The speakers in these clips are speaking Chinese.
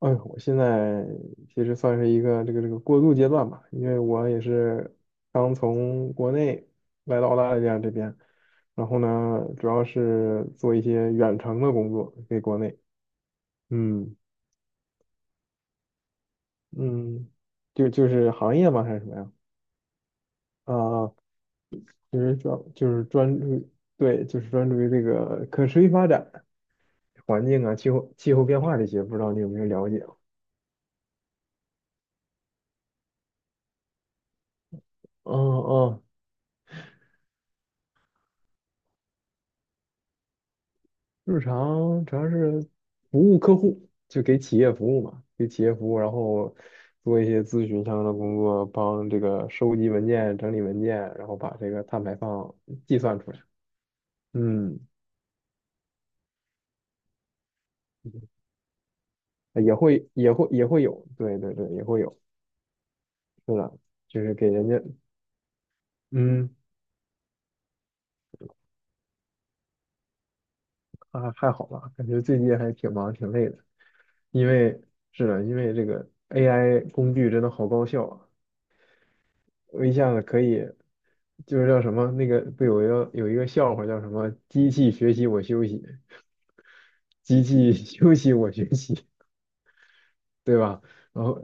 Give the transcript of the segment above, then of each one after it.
哎呦，我现在其实算是一个这个过渡阶段吧，因为我也是刚从国内来到澳大利亚这边，然后呢，主要是做一些远程的工作给国内，嗯嗯，就是行业吗还是什么呀？啊，啊，就是专就是专注于对，就是专注于这个可持续发展、环境啊、气候变化这些，不知道你有没有了解？嗯嗯。日常主要是服务客户，就给企业服务嘛，给企业服务，然后做一些咨询相关的工作，帮这个收集文件、整理文件，然后把这个碳排放计算出来。嗯，也会也会也会有，对对对，也会有，是的，就是给人家，嗯，啊，还好吧，感觉最近还挺忙挺累的，因为是的，因为这个 AI 工具真的好高效啊，我一下子可以，就是叫什么那个不有一个笑话叫什么机器学习我休息，机器 休息我学习，对吧？然后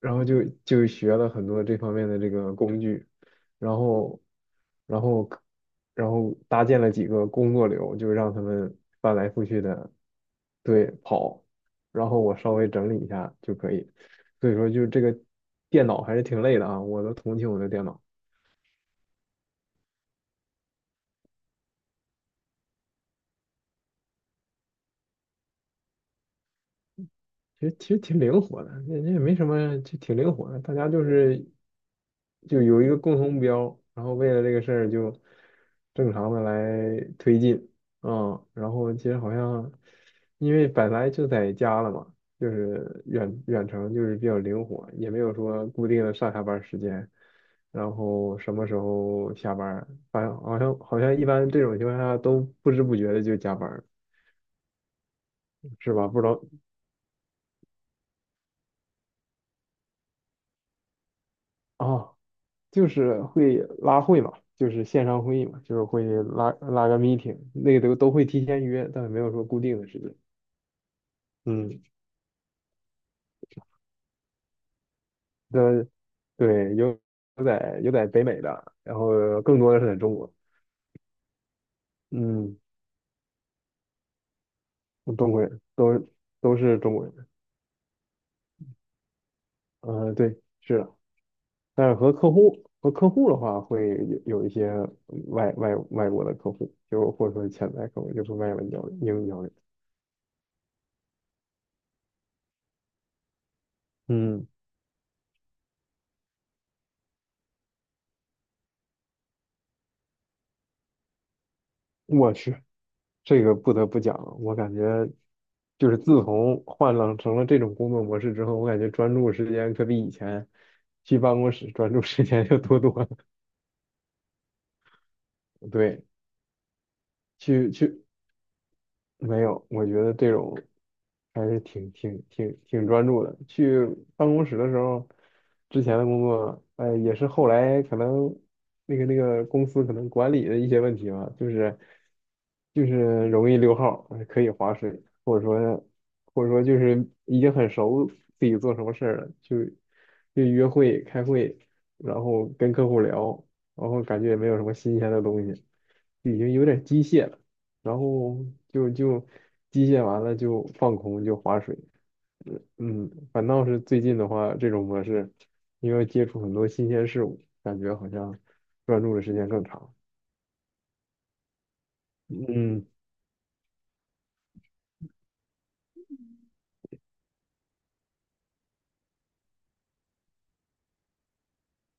然后就学了很多这方面的这个工具，然后然后然后搭建了几个工作流，就让他们翻来覆去的对跑，然后我稍微整理一下就可以。所以说就这个电脑还是挺累的啊，我都同情我的电脑。其实挺灵活的，那也没什么，就挺灵活的。大家就是就有一个共同目标，然后为了这个事儿就正常的来推进，嗯，然后其实好像因为本来就在家了嘛，就是远程就是比较灵活，也没有说固定的上下班时间，然后什么时候下班儿，反正好像一般这种情况下都不知不觉的就加班儿，是吧？不知道啊。哦就是会拉会嘛，就是线上会议嘛，就是会拉个 meeting,那个都会提前约，但是没有说固定的时间。嗯，的，对，有在北美的，然后更多的是在中国。嗯，中国人是中国人。呃，对，是的，但是和客户的话，会有一些外国的客户，就或者说潜在客户，就是外文交流、英语交流。嗯，我去。这个不得不讲，我感觉就是自从换了成了这种工作模式之后，我感觉专注时间可比以前去办公室专注时间要多多了。对，去去没有，我觉得这种还是挺专注的。去办公室的时候，之前的工作，呃，也是后来可能那个公司可能管理的一些问题吧，就是容易溜号儿可以划水，或者说就是已经很熟自己做什么事儿了，就约会、开会，然后跟客户聊，然后感觉也没有什么新鲜的东西，就已经有点机械了。然后就机械完了就放空就划水，嗯，反倒是最近的话，这种模式，因为接触很多新鲜事物，感觉好像专注的时间更长。嗯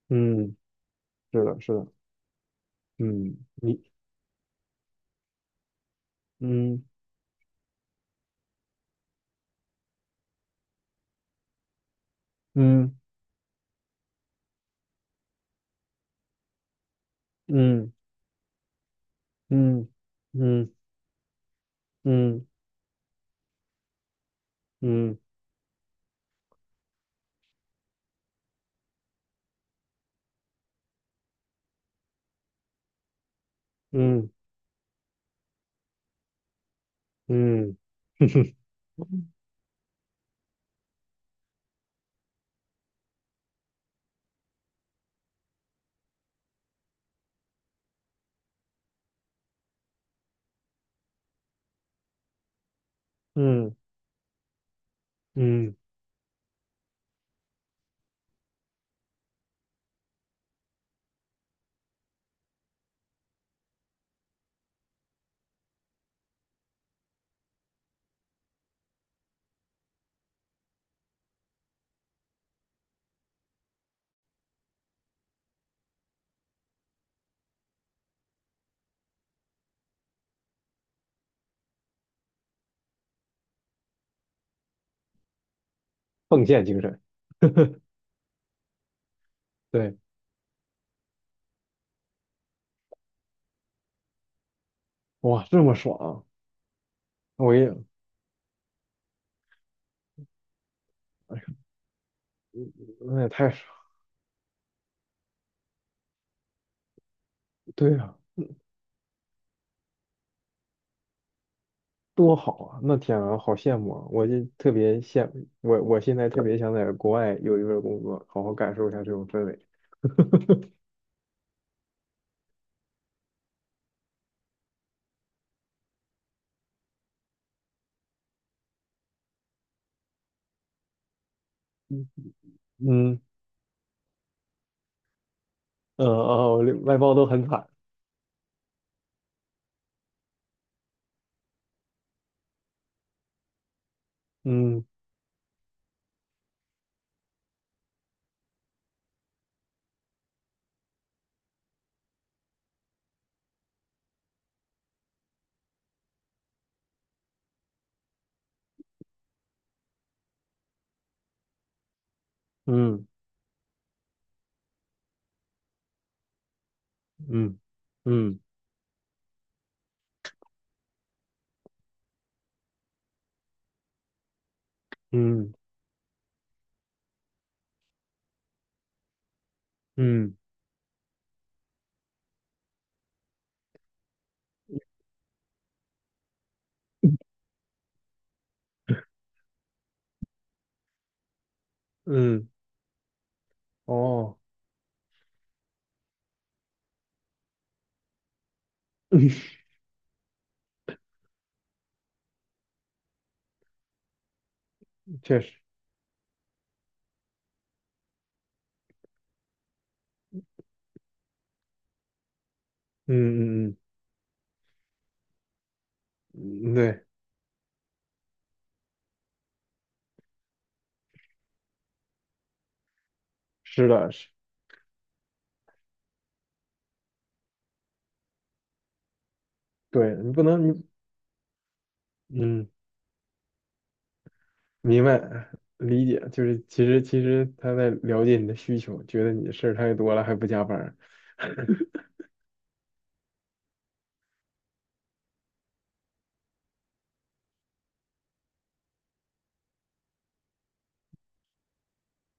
嗯，是的，是的，嗯，你嗯嗯嗯嗯嗯嗯嗯嗯嗯，哼哼，嗯 嗯，奉献精神，对，哇，这么爽啊，我也，哎呦，那也太爽，对呀。多好啊！那天啊，好羡慕啊！我就特别羡，我现在特别想在国外有一份工作，好好感受一下这种氛围。嗯嗯呃哦，外包都很惨。嗯嗯嗯嗯嗯嗯嗯哦，确实，嗯嗯嗯嗯，对，是的，是，对你不能，你嗯，明白理解，就是其实他在了解你的需求，觉得你的事儿太多了还不加班儿。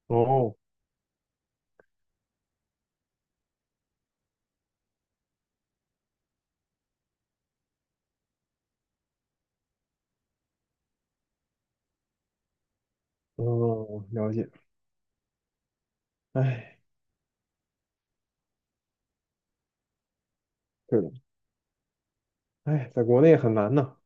哦，哦，了解。哎，对的，哎，在国内很难呢。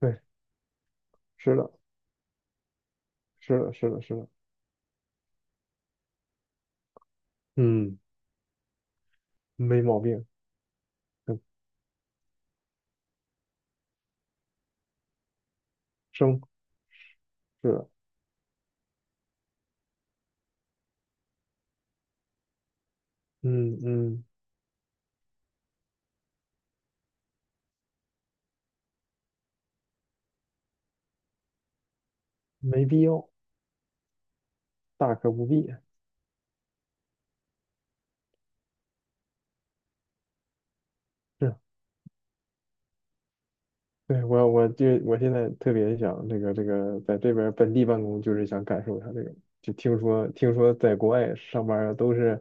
对，是的，是的，是的，是的。嗯，没毛病。嗯，生，是的。嗯嗯，没必要，大可不必。是，对，我现在特别想这个，在这边本地办公，就是想感受一下这个。就听说在国外上班儿都是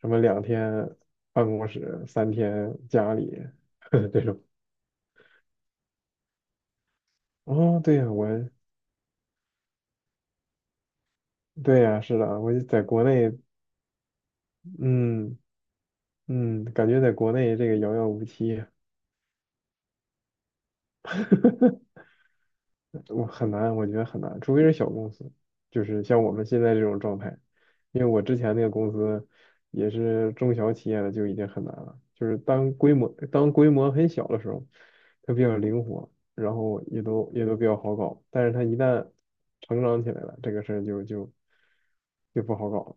什么两天办公室，三天家里 这种。哦，对呀，我对呀，是的，我就在国内嗯嗯，感觉在国内这个遥遥无期，我很难，我觉得很难，除非是小公司，就是像我们现在这种状态。因为我之前那个公司也是中小企业的，就已经很难了。就是当规模很小的时候，它比较灵活，然后也都比较好搞。但是它一旦成长起来了，这个事儿就不好搞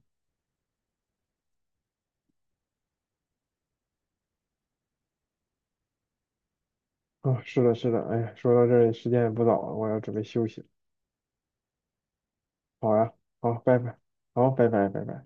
了啊。是的，是的，哎呀，说到这儿时间也不早了，我要准备休息了。好呀，好，拜拜，好，拜拜，拜拜。